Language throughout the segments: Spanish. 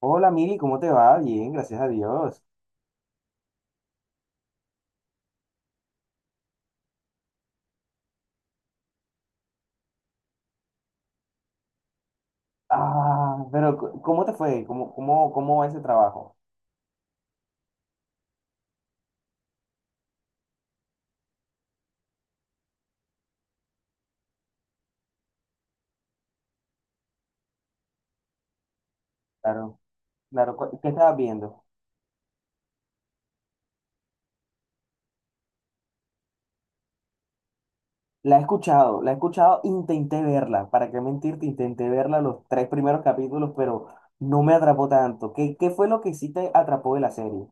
Hola Miri, ¿cómo te va? Bien, gracias a Dios. Ah, pero ¿cómo te fue? ¿Cómo va ese trabajo? Claro, claro, ¿qué estabas viendo? La he escuchado, intenté verla, para qué mentirte, intenté verla los tres primeros capítulos, pero no me atrapó tanto. ¿Qué fue lo que sí te atrapó de la serie?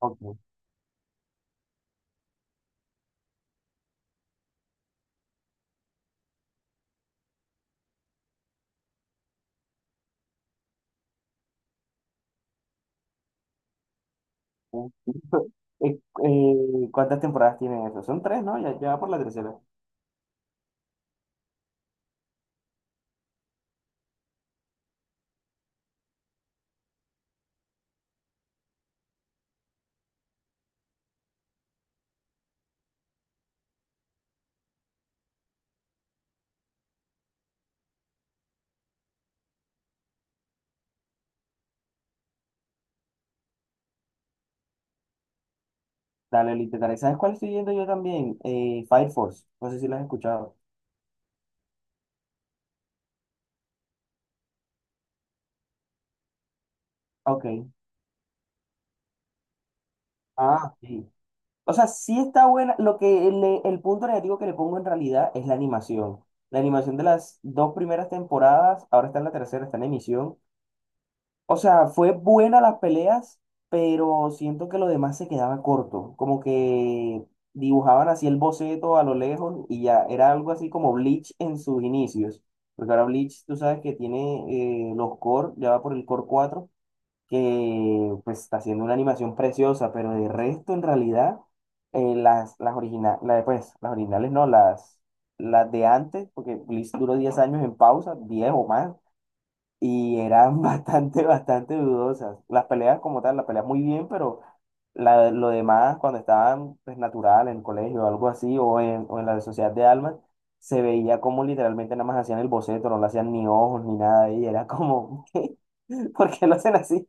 Ok. ¿Cuántas temporadas tiene eso? Son tres, ¿no? Ya va por la tercera. Dale, literal. ¿Sabes cuál estoy viendo yo también? Fire Force. No sé si la has escuchado. Ok. Ah, sí. O sea, sí está buena. Lo que el punto negativo que le pongo en realidad es la animación. La animación de las dos primeras temporadas, ahora está en la tercera, está en emisión. O sea, fue buena las peleas, pero siento que lo demás se quedaba corto. Como que dibujaban así el boceto a lo lejos y ya era algo así como Bleach en sus inicios. Porque ahora Bleach, tú sabes que tiene los core, ya va por el core cuatro, que pues está haciendo una animación preciosa, pero de resto en realidad las originales, pues, las originales no, las de antes, porque Bleach duró 10 años en pausa, 10 o más, y eran bastante, bastante dudosas. Las peleas como tal, las peleas muy bien, pero lo demás, cuando estaban pues natural en el colegio o algo así, o en, la sociedad de almas, se veía como literalmente nada más hacían el boceto, no le hacían ni ojos ni nada, y era como ¿qué? ¿Por qué lo hacen así?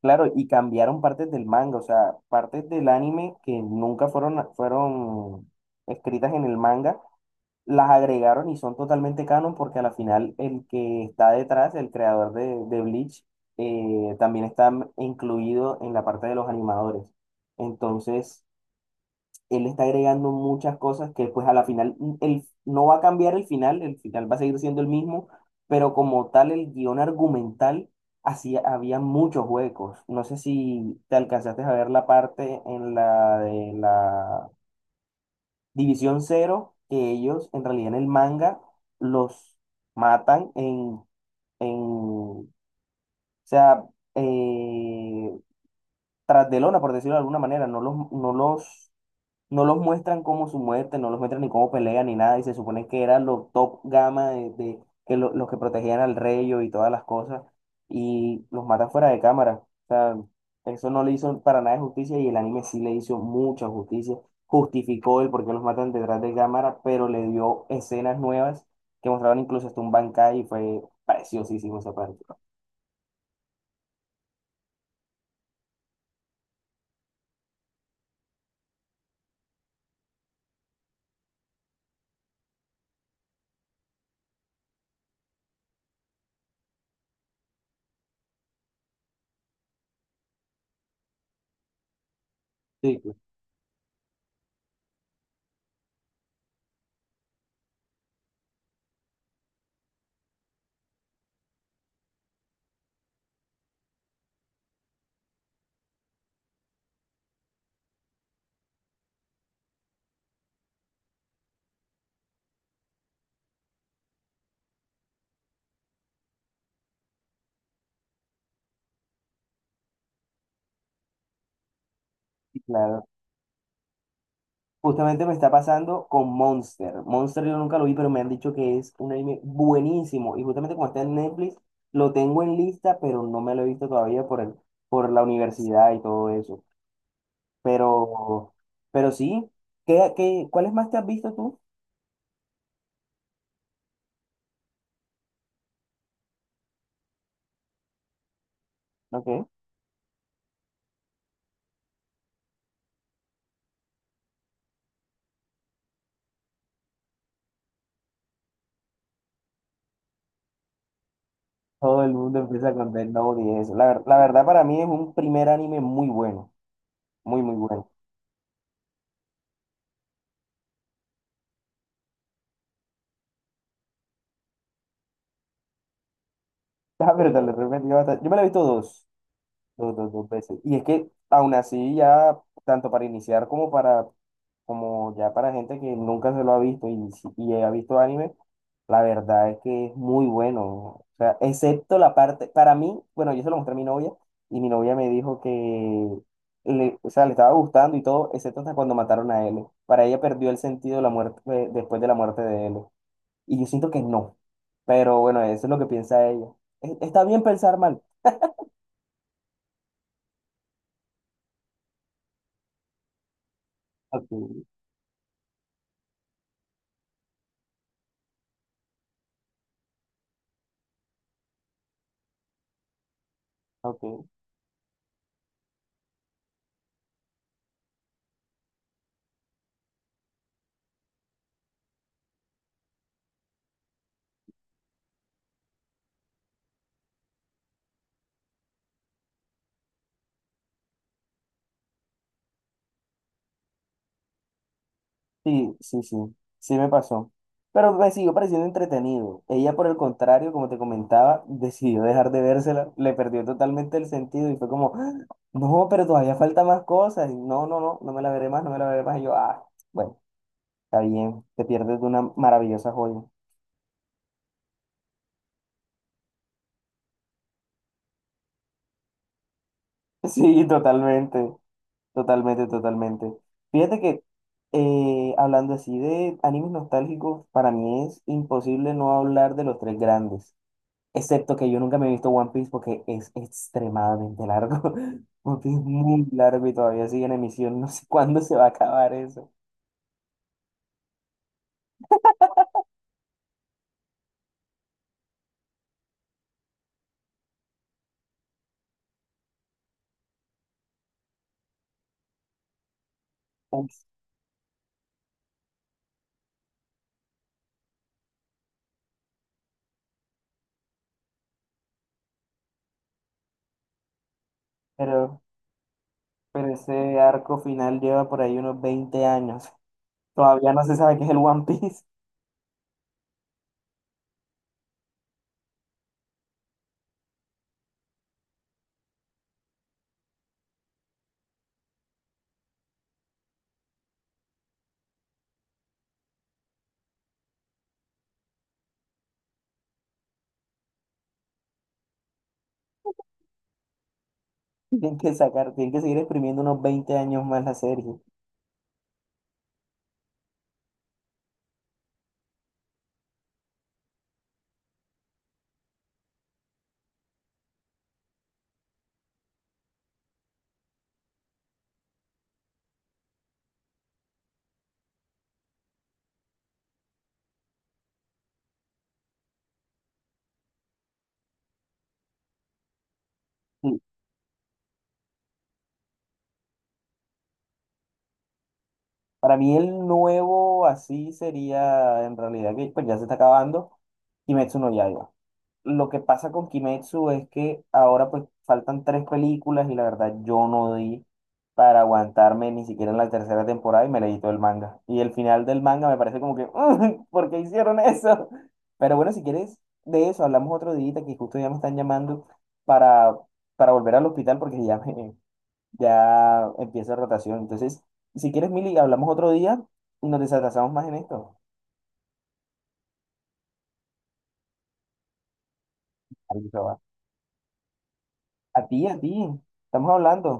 Claro, y cambiaron partes del manga, o sea, partes del anime que nunca fueron escritas en el manga, las agregaron y son totalmente canon, porque a la final el que está detrás, el creador de Bleach, también está incluido en la parte de los animadores. Entonces, él está agregando muchas cosas que pues a la final él no va a cambiar el final va a seguir siendo el mismo, pero como tal el guión argumental había muchos huecos. No sé si te alcanzaste a ver la parte en la de la División Cero, que ellos en realidad en el manga los matan en o sea, eh, tras de lona, por decirlo de alguna manera, no los muestran como su muerte, no los muestran ni cómo pelean ni nada, y se supone que eran los top gama que los que protegían al rey y todas las cosas, y los matan fuera de cámara. O sea, eso no le hizo para nada de justicia y el anime sí le hizo mucha justicia. Justificó el por qué los matan detrás de cámara, pero le dio escenas nuevas que mostraban incluso hasta un Bankai y fue preciosísimo esa parte. Sí, claro. Justamente me está pasando con Monster. Monster yo nunca lo vi, pero me han dicho que es un anime buenísimo. Y justamente como está en Netflix, lo tengo en lista, pero no me lo he visto todavía por la universidad y todo eso. Pero, pero sí, cuáles más te has visto tú? Ok. Todo el mundo empieza con Death Note y eso. La verdad, para mí es un primer anime muy bueno, muy, muy bueno. La verdad, lo he repetido bastante. Yo me lo he visto dos veces. Y es que aún así ya, tanto para iniciar como para, como ya para gente que nunca se lo ha visto y, y ha visto anime, la verdad es que es muy bueno. O sea, excepto la parte, para mí, bueno, yo se lo mostré a mi novia y mi novia me dijo que, o sea, le estaba gustando y todo, excepto hasta cuando mataron a L. Para ella perdió el sentido de la muerte, después de la muerte de L. Y yo siento que no. Pero bueno, eso es lo que piensa ella. Está bien pensar mal. Ok, ok. Sí, sí, sí, sí me pasó. Pero me siguió pareciendo entretenido. Ella, por el contrario, como te comentaba, decidió dejar de vérsela, le perdió totalmente el sentido y fue como, "Ah, no, pero todavía falta más cosas. Y, no, no, no, no me la veré más, no me la veré más". Y yo, ah, bueno, está bien, te pierdes de una maravillosa joya. Sí, totalmente, totalmente, totalmente. Fíjate que hablando así de animes nostálgicos, para mí es imposible no hablar de los tres grandes. Excepto que yo nunca me he visto One Piece porque es extremadamente largo. One Piece es muy largo y todavía sigue en emisión. No sé cuándo se va a acabar eso. Ups. Pero, pero ese arco final lleva por ahí unos 20 años. Todavía no se sabe qué es el One Piece. Tienen que seguir exprimiendo unos 20 años más la serie. Para mí el nuevo así sería en realidad que pues ya se está acabando Kimetsu no Yaiba. Lo que pasa con Kimetsu es que ahora pues faltan tres películas y la verdad yo no di para aguantarme ni siquiera en la tercera temporada, y me leí todo el manga. Y el final del manga me parece como que, "Mm, ¿por qué hicieron eso?". Pero bueno, si quieres de eso hablamos otro día, que justo ya me están llamando para, para volver al hospital, porque ya empieza rotación. Entonces, si quieres, Mili, hablamos otro día y nos desatrasamos más en esto. Ahí se va. A ti, a ti. Estamos hablando.